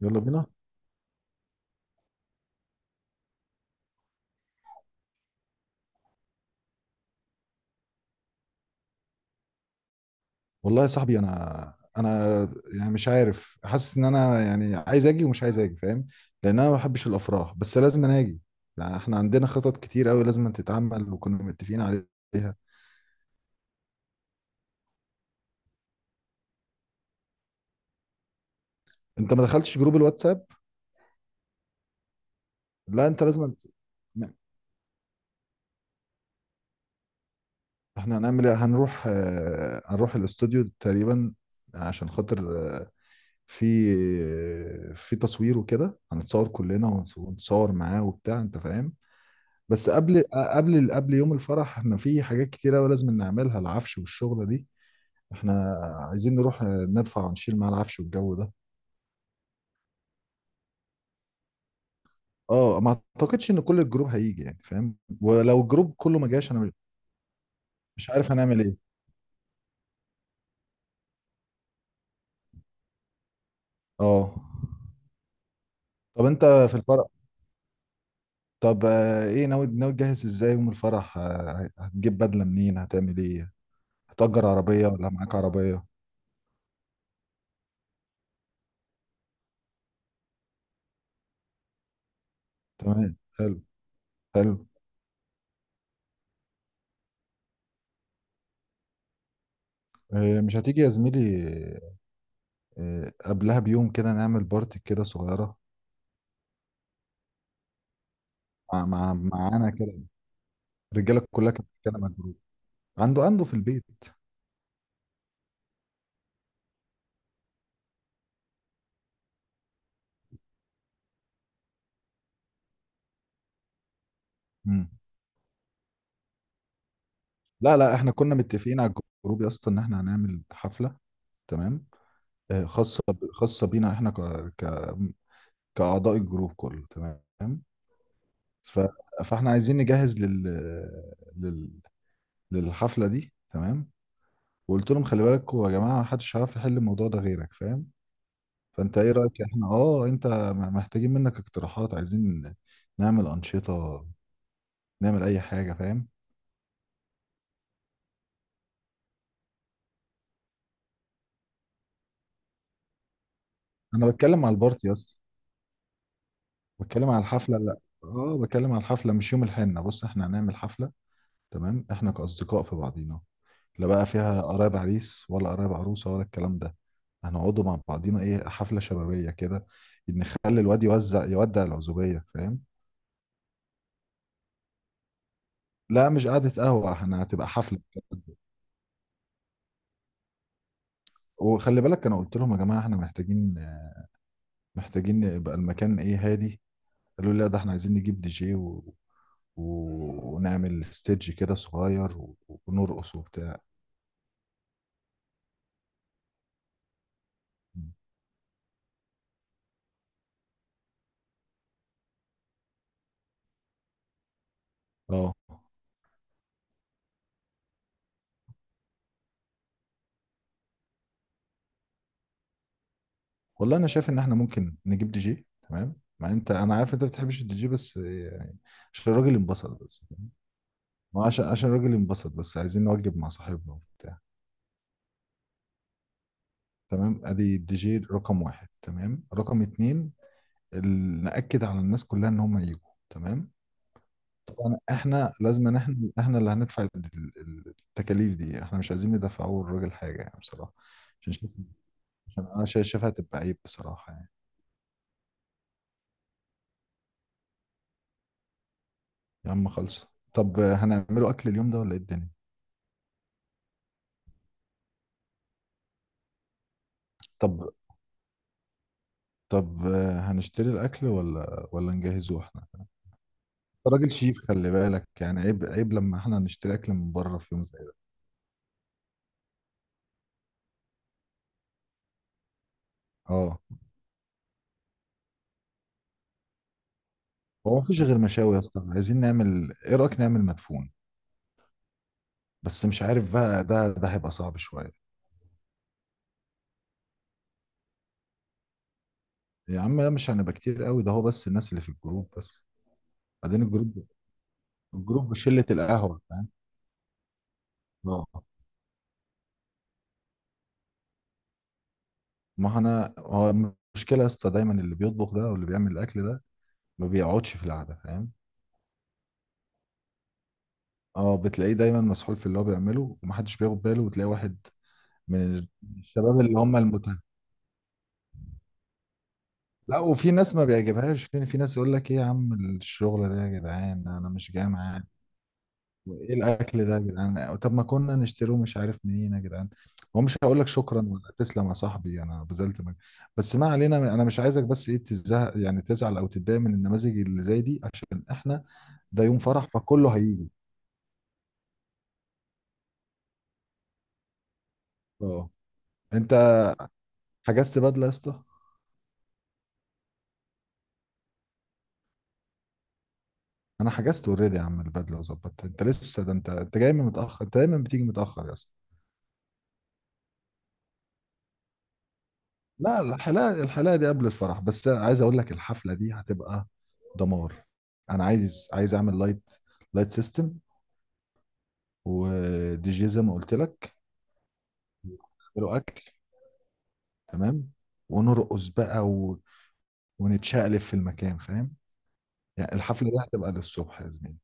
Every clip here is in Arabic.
يلا بينا. والله يا صاحبي، انا يعني مش عارف، حاسس ان انا يعني عايز اجي ومش عايز اجي فاهم؟ لان انا ما بحبش الافراح، بس لازم انا اجي. يعني احنا عندنا خطط كتير قوي لازم تتعمل وكنا متفقين عليها. انت ما دخلتش جروب الواتساب؟ لا، انت لازم م- احنا هنعمل ايه، هنروح هنروح الاستوديو تقريبا عشان خاطر في في تصوير وكده، هنتصور كلنا ونتصور معاه وبتاع، انت فاهم. بس قبل يوم الفرح احنا في حاجات كتيرة أوي لازم نعملها، العفش والشغلة دي. احنا عايزين نروح ندفع ونشيل مع العفش والجو ده. اه، ما اعتقدش ان كل الجروب هيجي يعني، فاهم؟ ولو الجروب كله ما جاش انا مش عارف هنعمل ايه. اه. طب انت في الفرح، طب ايه ناوي، تجهز ازاي يوم الفرح؟ هتجيب بدلة منين؟ هتعمل ايه؟ هتأجر عربية ولا معاك عربية؟ تمام، حلو. حلو. مش هتيجي يا زميلي؟ قبلها بيوم كده نعمل بارتي كده صغيرة، مع مع معانا كده. الرجاله كلها كانت بتتكلم على الجروب. عنده في البيت. مم. لا لا، احنا كنا متفقين على الجروب يا اسطى ان احنا هنعمل حفله، تمام؟ خاصه بينا احنا ك... كاعضاء الجروب كله، تمام. ف... فاحنا عايزين نجهز لل... للحفله دي، تمام. وقلت لهم خلي بالكوا يا جماعه، محدش هيعرف يحل الموضوع ده غيرك، فاهم. فانت ايه رايك؟ احنا اه انت محتاجين منك اقتراحات، عايزين نعمل انشطه، نعمل اي حاجه، فاهم. انا بتكلم على البارتي يا اسطى، بتكلم على الحفله. لا، اه بتكلم على الحفله مش يوم الحنه. بص احنا هنعمل حفله تمام، احنا كاصدقاء في بعضينا، لا بقى فيها قرايب عريس ولا قرايب عروسه ولا الكلام ده. هنقعدوا مع بعضينا، ايه، حفله شبابيه كده، نخلي الواد يوزع يودع العزوبيه، فاهم. لا، مش قعدة قهوة، احنا هتبقى حفلة. وخلي بالك، انا قلت لهم يا جماعة احنا محتاجين يبقى المكان ايه، هادي. قالوا لي لا، ده احنا عايزين نجيب دي جي و... ونعمل ستيدج كده صغير ونرقص وبتاع. اه، والله انا شايف ان احنا ممكن نجيب دي جي، تمام؟ مع انت انا عارف انت ما بتحبش الدي جي، بس يعني عشان الراجل ينبسط بس. ما عشان الراجل ينبسط بس، عايزين نوجب مع صاحبنا وبتاع. تمام، ادي الدي جي رقم واحد، تمام. رقم اتنين، نأكد على الناس كلها ان هم يجوا، تمام. طبعا احنا لازم، إن احنا اللي هندفع التكاليف دي، احنا مش عايزين ندفعوا الراجل حاجه يعني بصراحه. عشان شايف، عشان انا شايفها هتبقى عيب بصراحه يعني. يا عم خلص. طب هنعمله اكل اليوم ده ولا ايه الدنيا؟ طب. طب هنشتري الاكل ولا نجهزه احنا؟ أنت راجل شيف خلي بالك يعني، عيب لما احنا نشتري اكل من بره في يوم زي ده. اه. هو مفيش غير مشاوي يا اسطى؟ عايزين نعمل، ايه رايك نعمل مدفون؟ بس مش عارف بقى، ده هيبقى صعب شويه. يا عم لا، مش هنبقى كتير قوي، ده هو بس الناس اللي في الجروب بس. بعدين الجروب، الجروب بشلة القهوة فاهم. اه. ما انا، هو المشكلة يا اسطى دايما اللي بيطبخ ده واللي بيعمل الاكل ده ما بيقعدش في القعدة، فاهم. اه، بتلاقيه دايما مسحول في اللي هو بيعمله ومحدش بياخد باله، وتلاقي واحد من الشباب اللي هم المتهم. لا، وفي ناس ما بيعجبهاش، في ناس يقول لك ايه يا عم الشغل ده يا جدعان، انا مش جاي معايا. وايه الاكل ده يا جدعان؟ طب ما كنا نشتروه، مش عارف منين يا جدعان. هو مش هقول لك شكرا ولا تسلم يا صاحبي، انا بذلت مجهود. بس ما علينا، انا مش عايزك بس ايه، تزهق يعني تزعل او تتضايق من النماذج اللي زي دي، عشان احنا ده يوم فرح فكله هيجي. اه. انت حجزت بدله يا اسطى؟ انا حجزت اوريدي يا عم البدله وظبطت، انت لسه، ده انت جاي من متاخر، انت دايما بتيجي متاخر يا اسطى. لا، الحلاقه، الحلاقه دي قبل الفرح. بس عايز اقول لك الحفله دي هتبقى دمار. انا عايز اعمل لايت، لايت سيستم، ودي جي زي ما قلت لك، له اكل، تمام. ونرقص بقى ونتشقلب في المكان، فاهم. يعني الحفله دي هتبقى للصبح يا زميلي.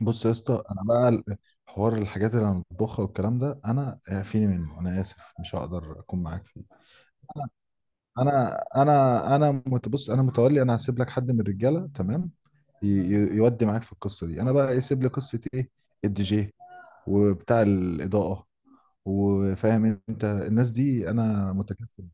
بص يا اسطى، انا بقى حوار الحاجات اللي انا بطبخها والكلام ده انا فيني منه، انا اسف مش هقدر اكون معاك فيه. بص انا متولي، انا هسيب لك حد من الرجاله، تمام، يودي معاك في القصه دي، انا بقى يسيب لي قصه ايه، الدي جي وبتاع الاضاءه، وفاهم انت الناس دي انا متكفل.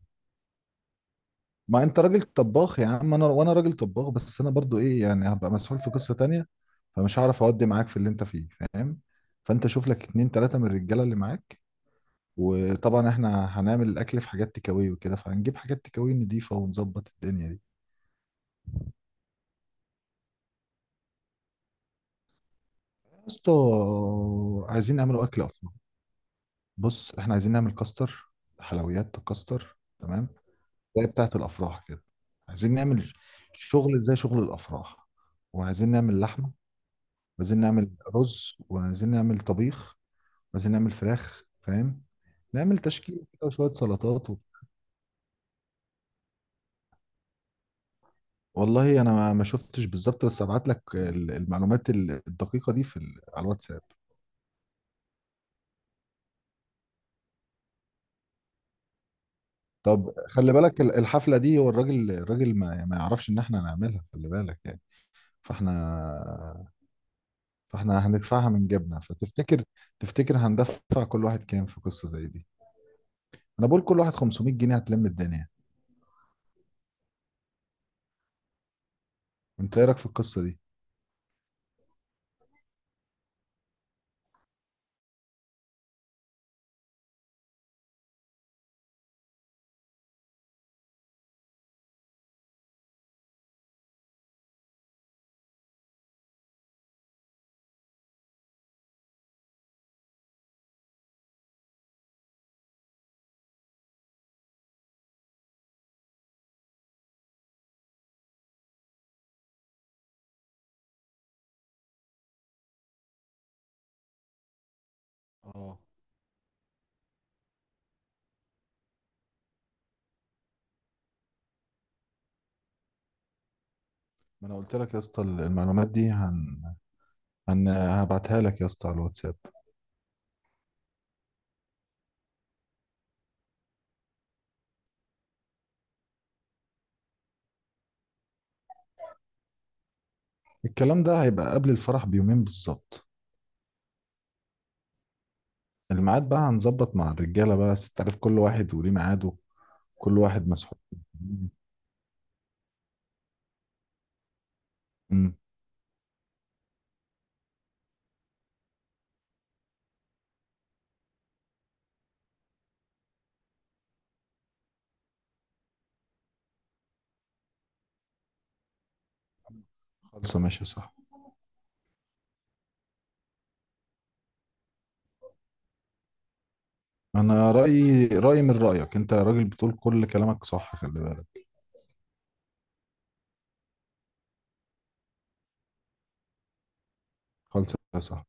ما انت راجل طباخ يا عم، انا وانا راجل طباخ، بس انا برضو ايه يعني هبقى مسؤول في قصة تانية، فمش هعرف اودي معاك في اللي انت فيه، فاهم. فانت شوف لك اتنين تلاتة من الرجالة اللي معاك. وطبعا احنا هنعمل الاكل في حاجات تكاوي وكده، فهنجيب حاجات تكاوي نضيفة ونظبط الدنيا دي. يا اسطى، عايزين نعمل اكل اصلا. بص احنا عايزين نعمل كاستر، حلويات كاستر، تمام؟ زي بتاعة الافراح كده. عايزين نعمل شغل زي شغل الافراح، وعايزين نعمل لحمة، عايزين نعمل رز، وعايزين نعمل طبيخ، وعايزين نعمل فراخ فاهم، نعمل تشكيل كده وشوية سلطات والله انا ما شفتش بالظبط، بس ابعت لك المعلومات الدقيقة دي في على الواتساب. طب خلي بالك الحفلة دي، هو الراجل، الراجل ما يعرفش ان احنا هنعملها، خلي بالك يعني. فاحنا فاحنا هندفعها من جيبنا، فتفتكر، تفتكر هندفع كل واحد كام في قصة زي دي؟ انا بقول كل واحد 500 جنيه هتلم الدنيا. انت ايه رايك في القصة دي؟ اه. ما انا قلت لك يا اسطى المعلومات دي هبعتها لك يا اسطى على الواتساب. الكلام ده هيبقى قبل الفرح بيومين بالظبط. الميعاد بقى هنظبط مع الرجاله بقى، بس انت عارف كل واحد وليه ميعاده، كل واحد مسحوق. امم. خلصه، ماشي صح. انا رايي، رايي من رايك، انت راجل بتقول كل كلامك صح، خلي بالك. خلصه صح.